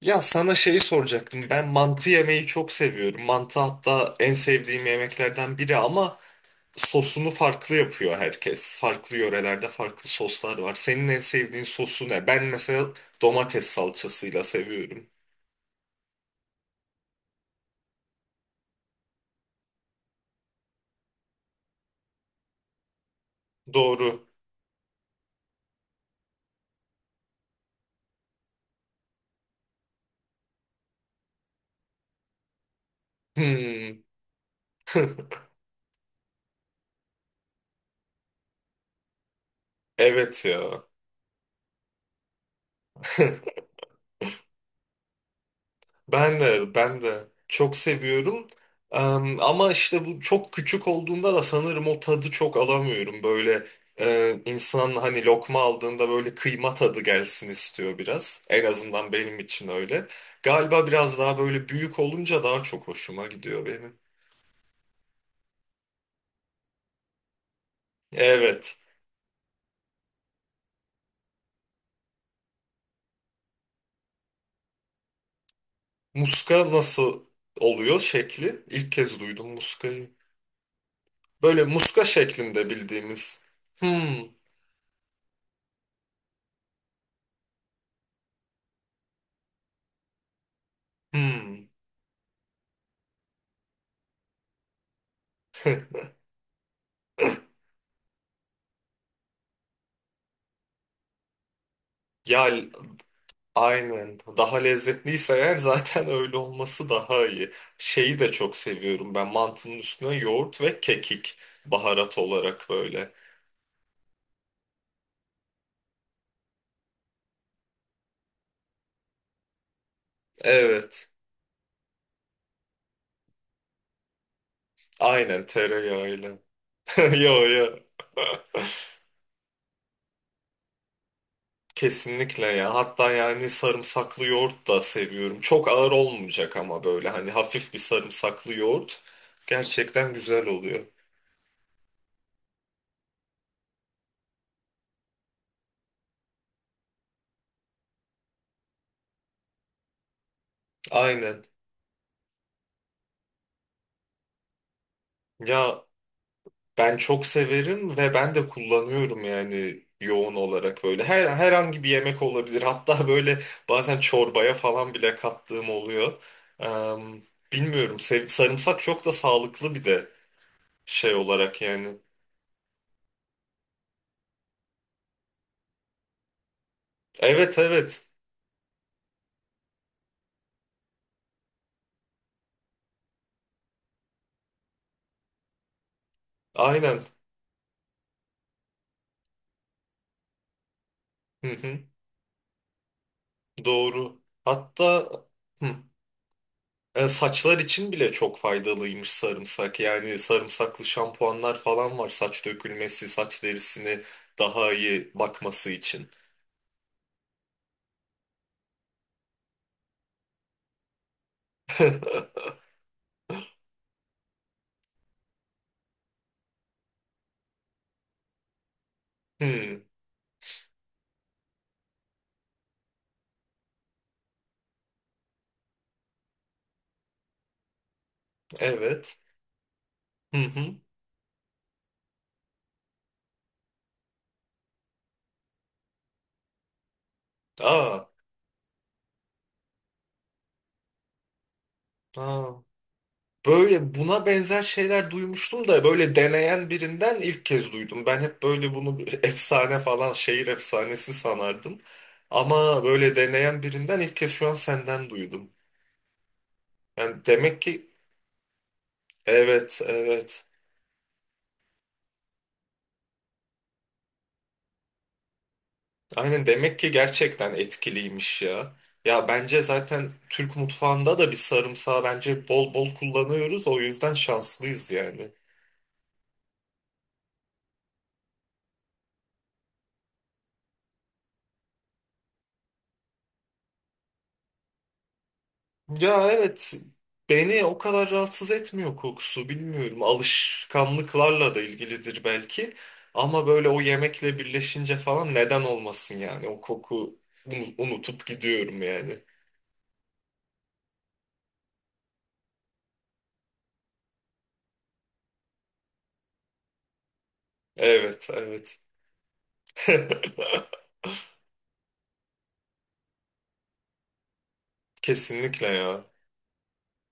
Ya sana şeyi soracaktım. Ben mantı yemeyi çok seviyorum. Mantı hatta en sevdiğim yemeklerden biri ama sosunu farklı yapıyor herkes. Farklı yörelerde farklı soslar var. Senin en sevdiğin sosu ne? Ben mesela domates salçasıyla seviyorum. Doğru. Hmm, evet ya. Ben de çok seviyorum. Ama işte bu çok küçük olduğunda da sanırım o tadı çok alamıyorum. Böyle insan hani lokma aldığında böyle kıyma tadı gelsin istiyor biraz. En azından benim için öyle. Galiba biraz daha böyle büyük olunca daha çok hoşuma gidiyor benim. Evet. Muska nasıl oluyor şekli? İlk kez duydum muskayı. Böyle muska şeklinde bildiğimiz. Hmm, hmm. Ya aynen. Daha lezzetliyse eğer zaten öyle olması daha iyi. Şeyi de çok seviyorum ben. Mantının üstüne yoğurt ve kekik baharat olarak böyle. Evet. Aynen tereyağıyla. Yo yo. Kesinlikle ya. Hatta yani sarımsaklı yoğurt da seviyorum. Çok ağır olmayacak ama böyle hani hafif bir sarımsaklı yoğurt gerçekten güzel oluyor. Aynen. Ya ben çok severim ve ben de kullanıyorum yani yoğun olarak böyle. Herhangi bir yemek olabilir. Hatta böyle bazen çorbaya falan bile kattığım oluyor. Em, bilmiyorum. Sarımsak çok da sağlıklı bir de şey olarak yani. Evet evet. Aynen. Hı hı, doğru. Hatta hı, saçlar için bile çok faydalıymış sarımsak. Yani sarımsaklı şampuanlar falan var saç dökülmesi, saç derisini daha iyi bakması için. Hmm, evet. Hı hı. Aa, aa. Böyle buna benzer şeyler duymuştum da böyle deneyen birinden ilk kez duydum. Ben hep böyle bunu bir efsane falan şehir efsanesi sanardım. Ama böyle deneyen birinden ilk kez şu an senden duydum. Yani demek ki evet evet. Aynen demek ki gerçekten etkiliymiş ya. Ya bence zaten Türk mutfağında da bir sarımsağı bence bol bol kullanıyoruz. O yüzden şanslıyız yani. Ya evet, beni o kadar rahatsız etmiyor kokusu, bilmiyorum alışkanlıklarla da ilgilidir belki ama böyle o yemekle birleşince falan neden olmasın yani o koku, unutup gidiyorum yani. Evet evet. Kesinlikle ya.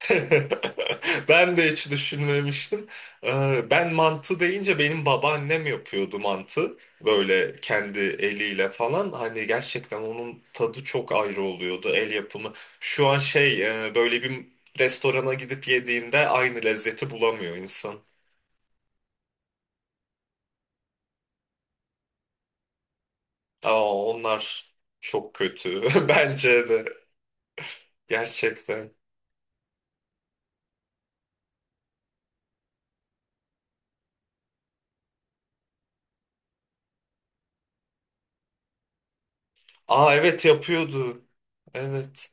Ben de hiç düşünmemiştim. Ben mantı deyince benim babaannem yapıyordu mantı. Böyle kendi eliyle falan. Hani gerçekten onun tadı çok ayrı oluyordu el yapımı. Şu an şey böyle bir restorana gidip yediğinde aynı lezzeti bulamıyor insan. Aa, onlar çok kötü bence de gerçekten. Aa evet yapıyordu. Evet.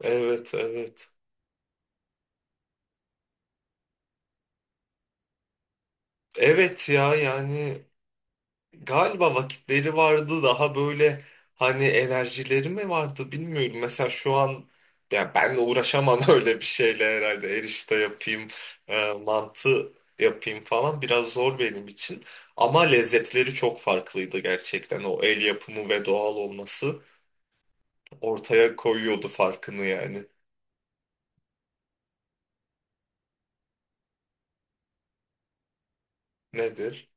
Evet evet. Evet ya yani galiba vakitleri vardı daha böyle hani enerjileri mi vardı bilmiyorum. Mesela şu an ya ben de uğraşamam öyle bir şeyle herhalde erişte yapayım, mantı yapayım falan biraz zor benim için. Ama lezzetleri çok farklıydı gerçekten. O el yapımı ve doğal olması ortaya koyuyordu farkını yani. Nedir?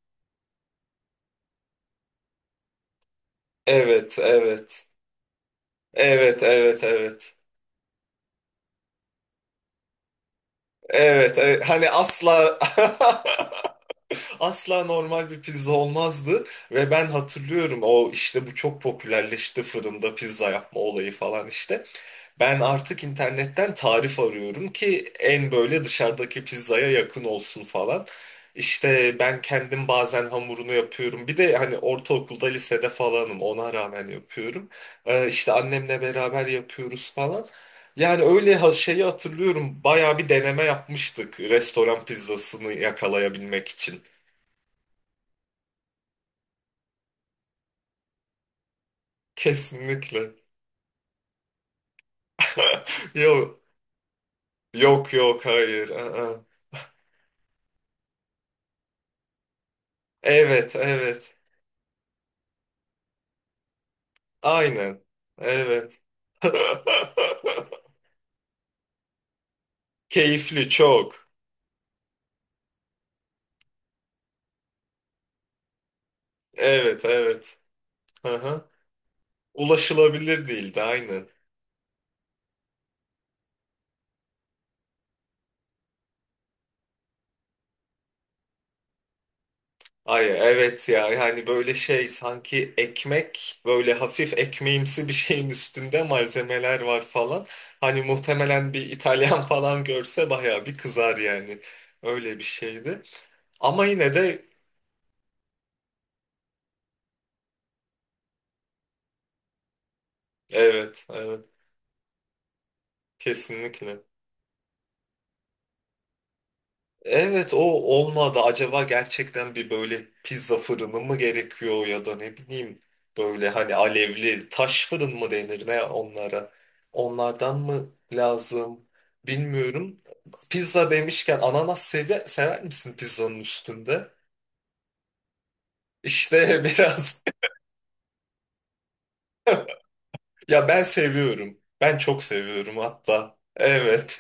Evet, evet. Evet, evet, evet. Evet, evet. Hani asla asla normal bir pizza olmazdı. Ve ben hatırlıyorum o işte bu çok popülerleşti fırında pizza yapma olayı falan işte. Ben artık internetten tarif arıyorum ki en böyle dışarıdaki pizzaya yakın olsun falan. İşte ben kendim bazen hamurunu yapıyorum. Bir de hani ortaokulda, lisede falanım. Ona rağmen yapıyorum. İşte annemle beraber yapıyoruz falan. Yani öyle şeyi hatırlıyorum. Bayağı bir deneme yapmıştık restoran pizzasını yakalayabilmek için. Kesinlikle. Yok. Yok yok hayır. Aa. Evet evet. Aynen. Evet. Keyifli çok. Evet evet. Aha. Ulaşılabilir değildi aynen. Ay evet ya yani böyle şey sanki ekmek böyle hafif ekmeğimsi bir şeyin üstünde malzemeler var falan. Hani muhtemelen bir İtalyan falan görse bayağı bir kızar yani. Öyle bir şeydi. Ama yine de evet, evet. Kesinlikle. Evet, o olmadı. Acaba gerçekten bir böyle pizza fırını mı gerekiyor ya da ne bileyim böyle hani alevli taş fırın mı denir ne onlara? Onlardan mı lazım? Bilmiyorum. Pizza demişken ananas sever misin pizzanın üstünde? İşte biraz. Ya ben seviyorum. Ben çok seviyorum hatta. Evet.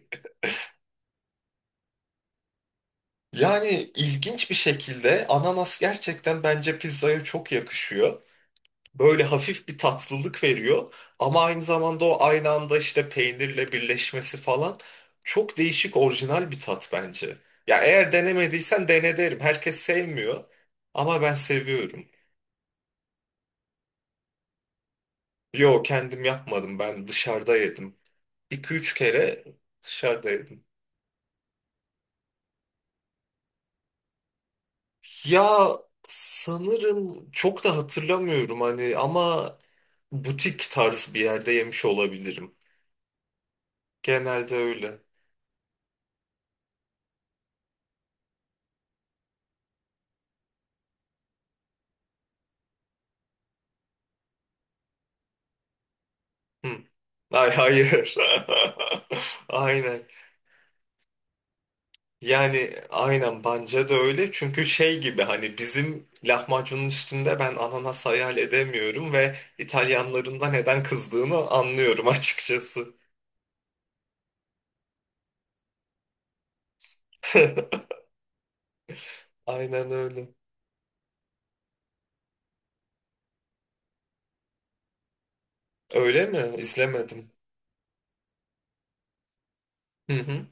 Yani ilginç bir şekilde ananas gerçekten bence pizzaya çok yakışıyor. Böyle hafif bir tatlılık veriyor ama aynı zamanda o aynı anda işte peynirle birleşmesi falan çok değişik orijinal bir tat bence. Ya eğer denemediysen dene derim. Herkes sevmiyor ama ben seviyorum. Yo kendim yapmadım ben dışarıda yedim. 2 üç kere dışarıda yedim. Ya sanırım çok da hatırlamıyorum hani ama butik tarz bir yerde yemiş olabilirim. Genelde öyle. Hı. Ay hayır. Aynen. Yani aynen bence de öyle. Çünkü şey gibi hani bizim lahmacunun üstünde ben ananas hayal edemiyorum ve İtalyanların da neden kızdığını anlıyorum açıkçası. Aynen öyle. Öyle mi? İzlemedim. Hı hı.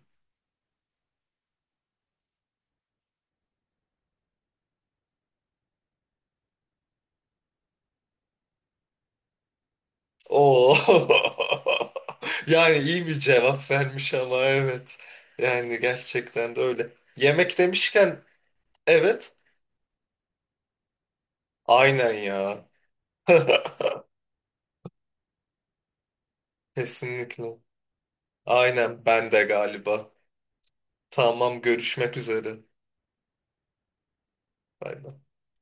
Oo. Yani iyi bir cevap vermiş ama evet. Yani gerçekten de öyle. Yemek demişken evet. Aynen ya. Kesinlikle. Aynen ben de galiba. Tamam görüşmek üzere. Bay bay.